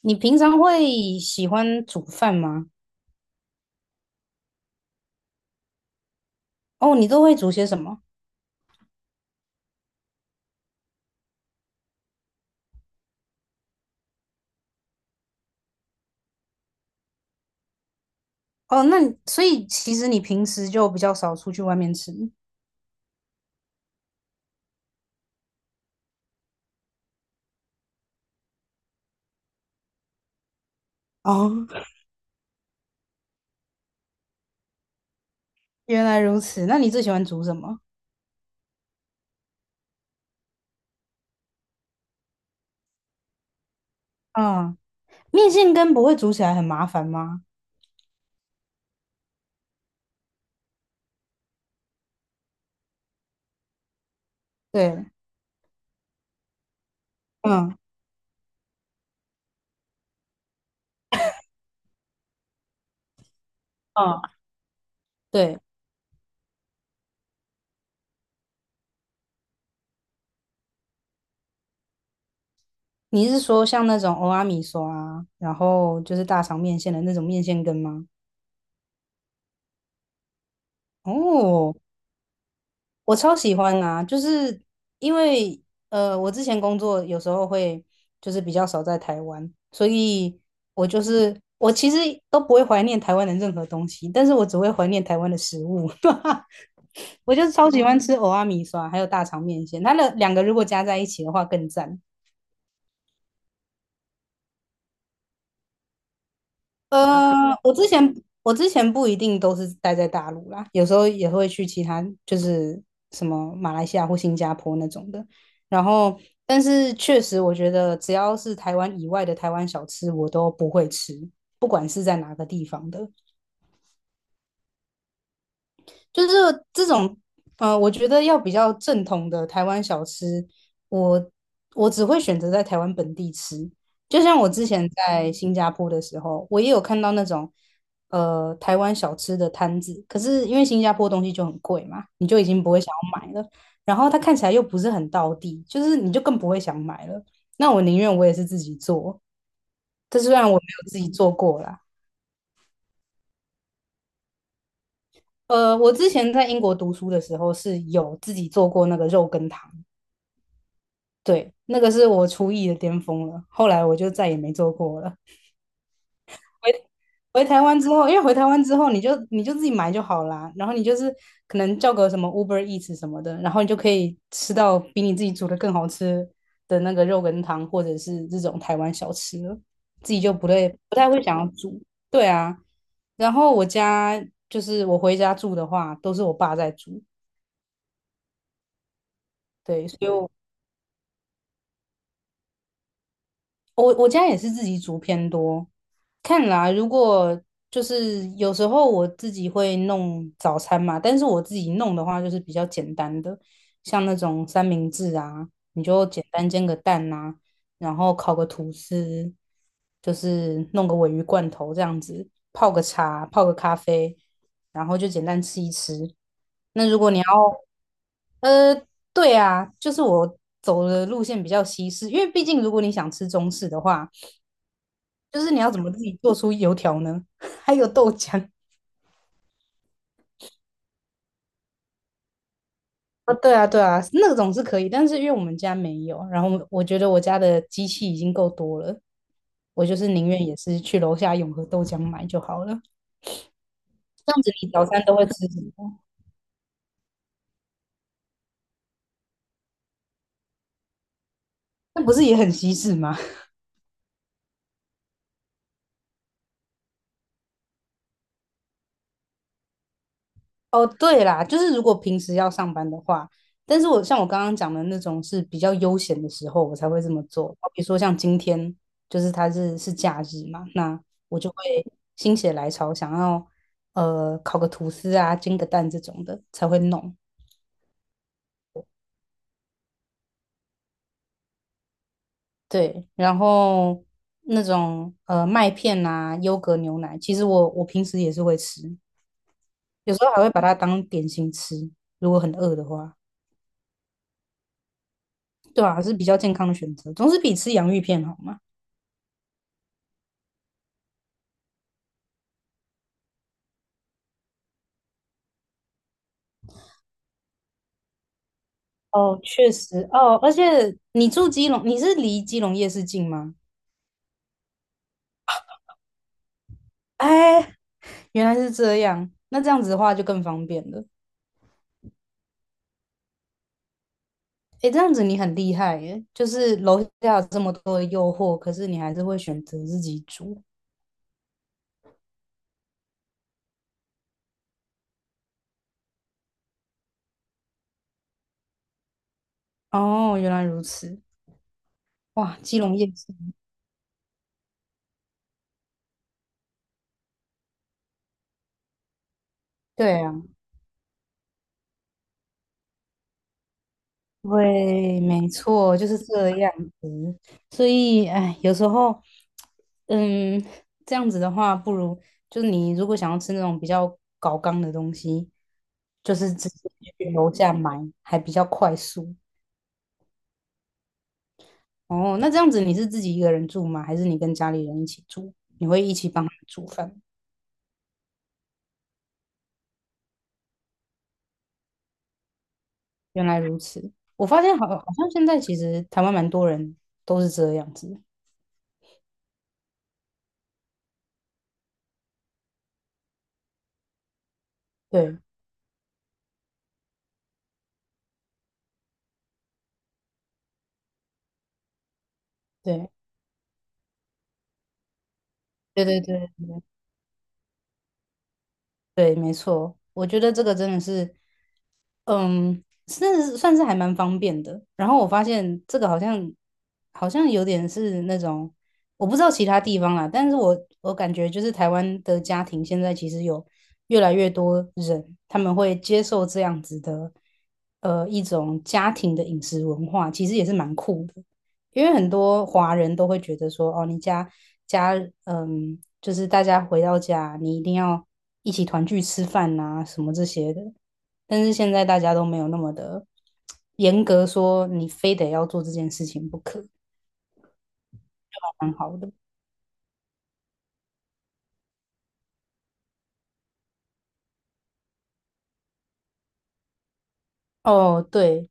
你平常会喜欢煮饭吗？哦，你都会煮些什么？哦，那你所以其实你平时就比较少出去外面吃。哦，原来如此，那你最喜欢煮什么？嗯，面线羹不会煮起来很麻烦吗？对，嗯嗯，对，你是说像那种欧阿米索啊，然后就是大肠面线的那种面线羹吗？哦，我超喜欢啊，就是因为我之前工作有时候会就是比较少在台湾，所以我就是我其实都不会怀念台湾的任何东西，但是我只会怀念台湾的食物。我就是超喜欢吃蚵仔米刷，还有大肠面线，它的两个如果加在一起的话更赞。呃，我之前我之前不一定都是待在大陆啦，有时候也会去其他，就是什么马来西亚或新加坡那种的。然后，但是确实，我觉得只要是台湾以外的台湾小吃，我都不会吃，不管是在哪个地方的。就是这种，我觉得要比较正统的台湾小吃，我我只会选择在台湾本地吃。就像我之前在新加坡的时候，我也有看到那种台湾小吃的摊子，可是因为新加坡东西就很贵嘛，你就已经不会想要买了。然后它看起来又不是很道地，就是你就更不会想买了。那我宁愿我也是自己做，这虽然我没有自己做过啦。我之前在英国读书的时候是有自己做过那个肉羹汤。对，那个是我厨艺的巅峰了，后来我就再也没做过了。回回台湾之后，因为回台湾之后，你就自己买就好啦，然后你就是可能叫个什么 Uber Eats 什么的，然后你就可以吃到比你自己煮的更好吃的那个肉羹汤，或者是这种台湾小吃了，自己就不太会想要煮。对啊，然后我家就是我回家住的话，都是我爸在煮，对，所以我家也是自己煮偏多，看啦，如果就是有时候我自己会弄早餐嘛，但是我自己弄的话就是比较简单的，像那种三明治啊，你就简单煎个蛋啊，然后烤个吐司，就是弄个鲔鱼罐头这样子，泡个茶，泡个咖啡，然后就简单吃一吃。那如果你要呃，对啊，就是我走的路线比较西式，因为毕竟如果你想吃中式的话，就是你要怎么自己做出油条呢？还有豆浆啊，对啊，对啊，那种是可以，但是因为我们家没有，然后我觉得我家的机器已经够多了，我就是宁愿也是去楼下永和豆浆买就好了。这样子你早餐都会吃什么？那不是也很西式吗？哦，对啦，就是如果平时要上班的话，但是我像我刚刚讲的那种是比较悠闲的时候，我才会这么做。比如说像今天，就是它是假日嘛，那我就会心血来潮，想要烤个吐司啊、煎个蛋这种的才会弄。对，然后那种麦片啊、优格牛奶，其实我平时也是会吃，有时候还会把它当点心吃，如果很饿的话。对啊，是比较健康的选择，总是比吃洋芋片好嘛。哦，确实哦，而且你住基隆，你是离基隆夜市近吗？哎，原来是这样，那这样子的话就更方便了。哎，这样子你很厉害耶，就是楼下有这么多的诱惑，可是你还是会选择自己煮。哦，原来如此，哇，基隆夜市，对啊。对，没错，就是这样子。所以，哎，有时候，嗯，这样子的话，不如就你如果想要吃那种比较高纲的东西，就是直接去楼下买，还比较快速。哦，那这样子你是自己一个人住吗？还是你跟家里人一起住？你会一起帮他们煮饭？原来如此，我发现好像现在其实台湾蛮多人都是这样子。对，对，对对对。对，没错，我觉得这个真的是嗯，是算是还蛮方便的。然后我发现这个好像有点是那种，我不知道其他地方啦，但是我感觉就是台湾的家庭现在其实有越来越多人，他们会接受这样子的一种家庭的饮食文化，其实也是蛮酷的。因为很多华人都会觉得说，哦，你家，嗯，就是大家回到家，你一定要一起团聚吃饭啊，什么这些的。但是现在大家都没有那么的严格，说你非得要做这件事情不可，蛮好的。哦，对，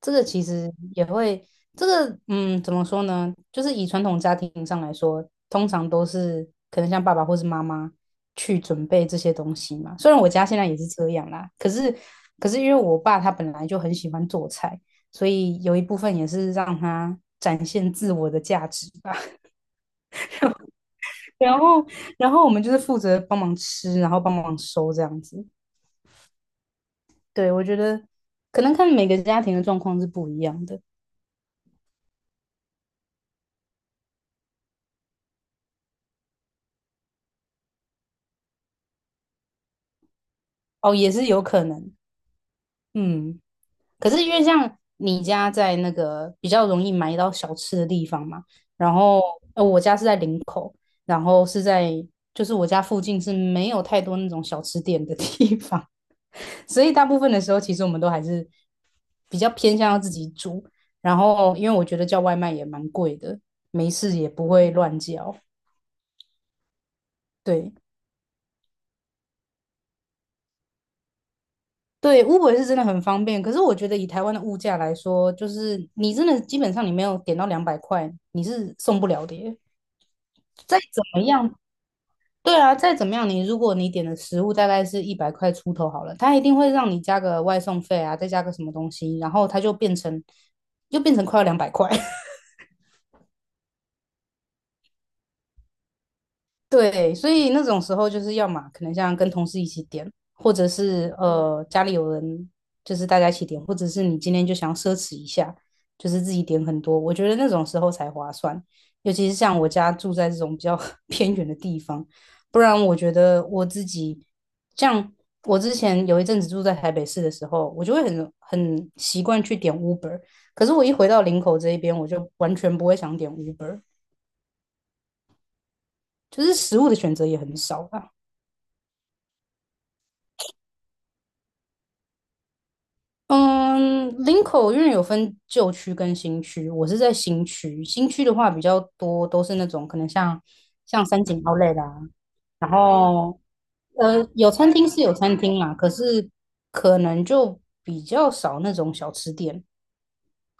这个其实也会，这个嗯，怎么说呢？就是以传统家庭上来说，通常都是可能像爸爸或是妈妈去准备这些东西嘛。虽然我家现在也是这样啦，可是因为我爸他本来就很喜欢做菜，所以有一部分也是让他展现自我的价值吧。然后，然后我们就是负责帮忙吃，然后帮忙收这样子。对，我觉得可能看每个家庭的状况是不一样的哦，也是有可能。嗯，可是因为像你家在那个比较容易买到小吃的地方嘛，然后我家是在林口，然后是在就是我家附近是没有太多那种小吃店的地方，所以大部分的时候，其实我们都还是比较偏向要自己煮。然后，因为我觉得叫外卖也蛮贵的，没事也不会乱叫。对对，Uber 是真的很方便。可是我觉得以台湾的物价来说，就是你真的基本上你没有点到两百块，你是送不了的耶再怎么样，对啊，再怎么样，你如果你点的食物大概是100块出头好了，它一定会让你加个外送费啊，再加个什么东西，然后它就变成又变成快要两百块。对，所以那种时候就是要嘛，可能像跟同事一起点，或者是家里有人，就是大家一起点，或者是你今天就想要奢侈一下，就是自己点很多。我觉得那种时候才划算，尤其是像我家住在这种比较 偏远的地方，不然我觉得我自己像我之前有一阵子住在台北市的时候，我就会很习惯去点 Uber，可是我一回到林口这一边，我就完全不会想点 Uber，就是食物的选择也很少啦。嗯，林口因为有分旧区跟新区，我是在新区。新区的话比较多，都是那种可能像三井奥莱啦，然后有餐厅是有餐厅啦，可是可能就比较少那种小吃店，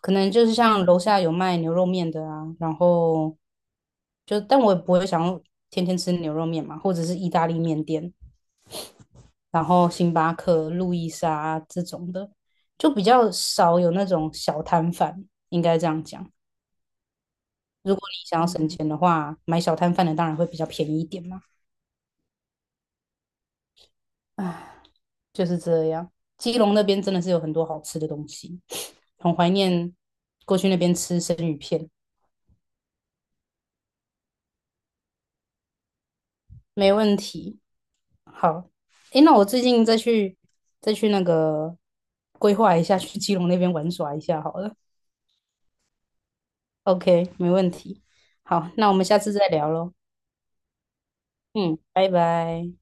可能就是像楼下有卖牛肉面的啊，然后就但我也不会想要天天吃牛肉面嘛，或者是意大利面店，然后星巴克、路易莎这种的，就比较少有那种小摊贩，应该这样讲。如果你想要省钱的话，买小摊贩的当然会比较便宜一点嘛。唉，就是这样。基隆那边真的是有很多好吃的东西，很怀念过去那边吃生鱼片，没问题。好，诶，那我最近再去那个规划一下，去基隆那边玩耍一下好了。OK，没问题。好，那我们下次再聊喽。嗯，拜拜。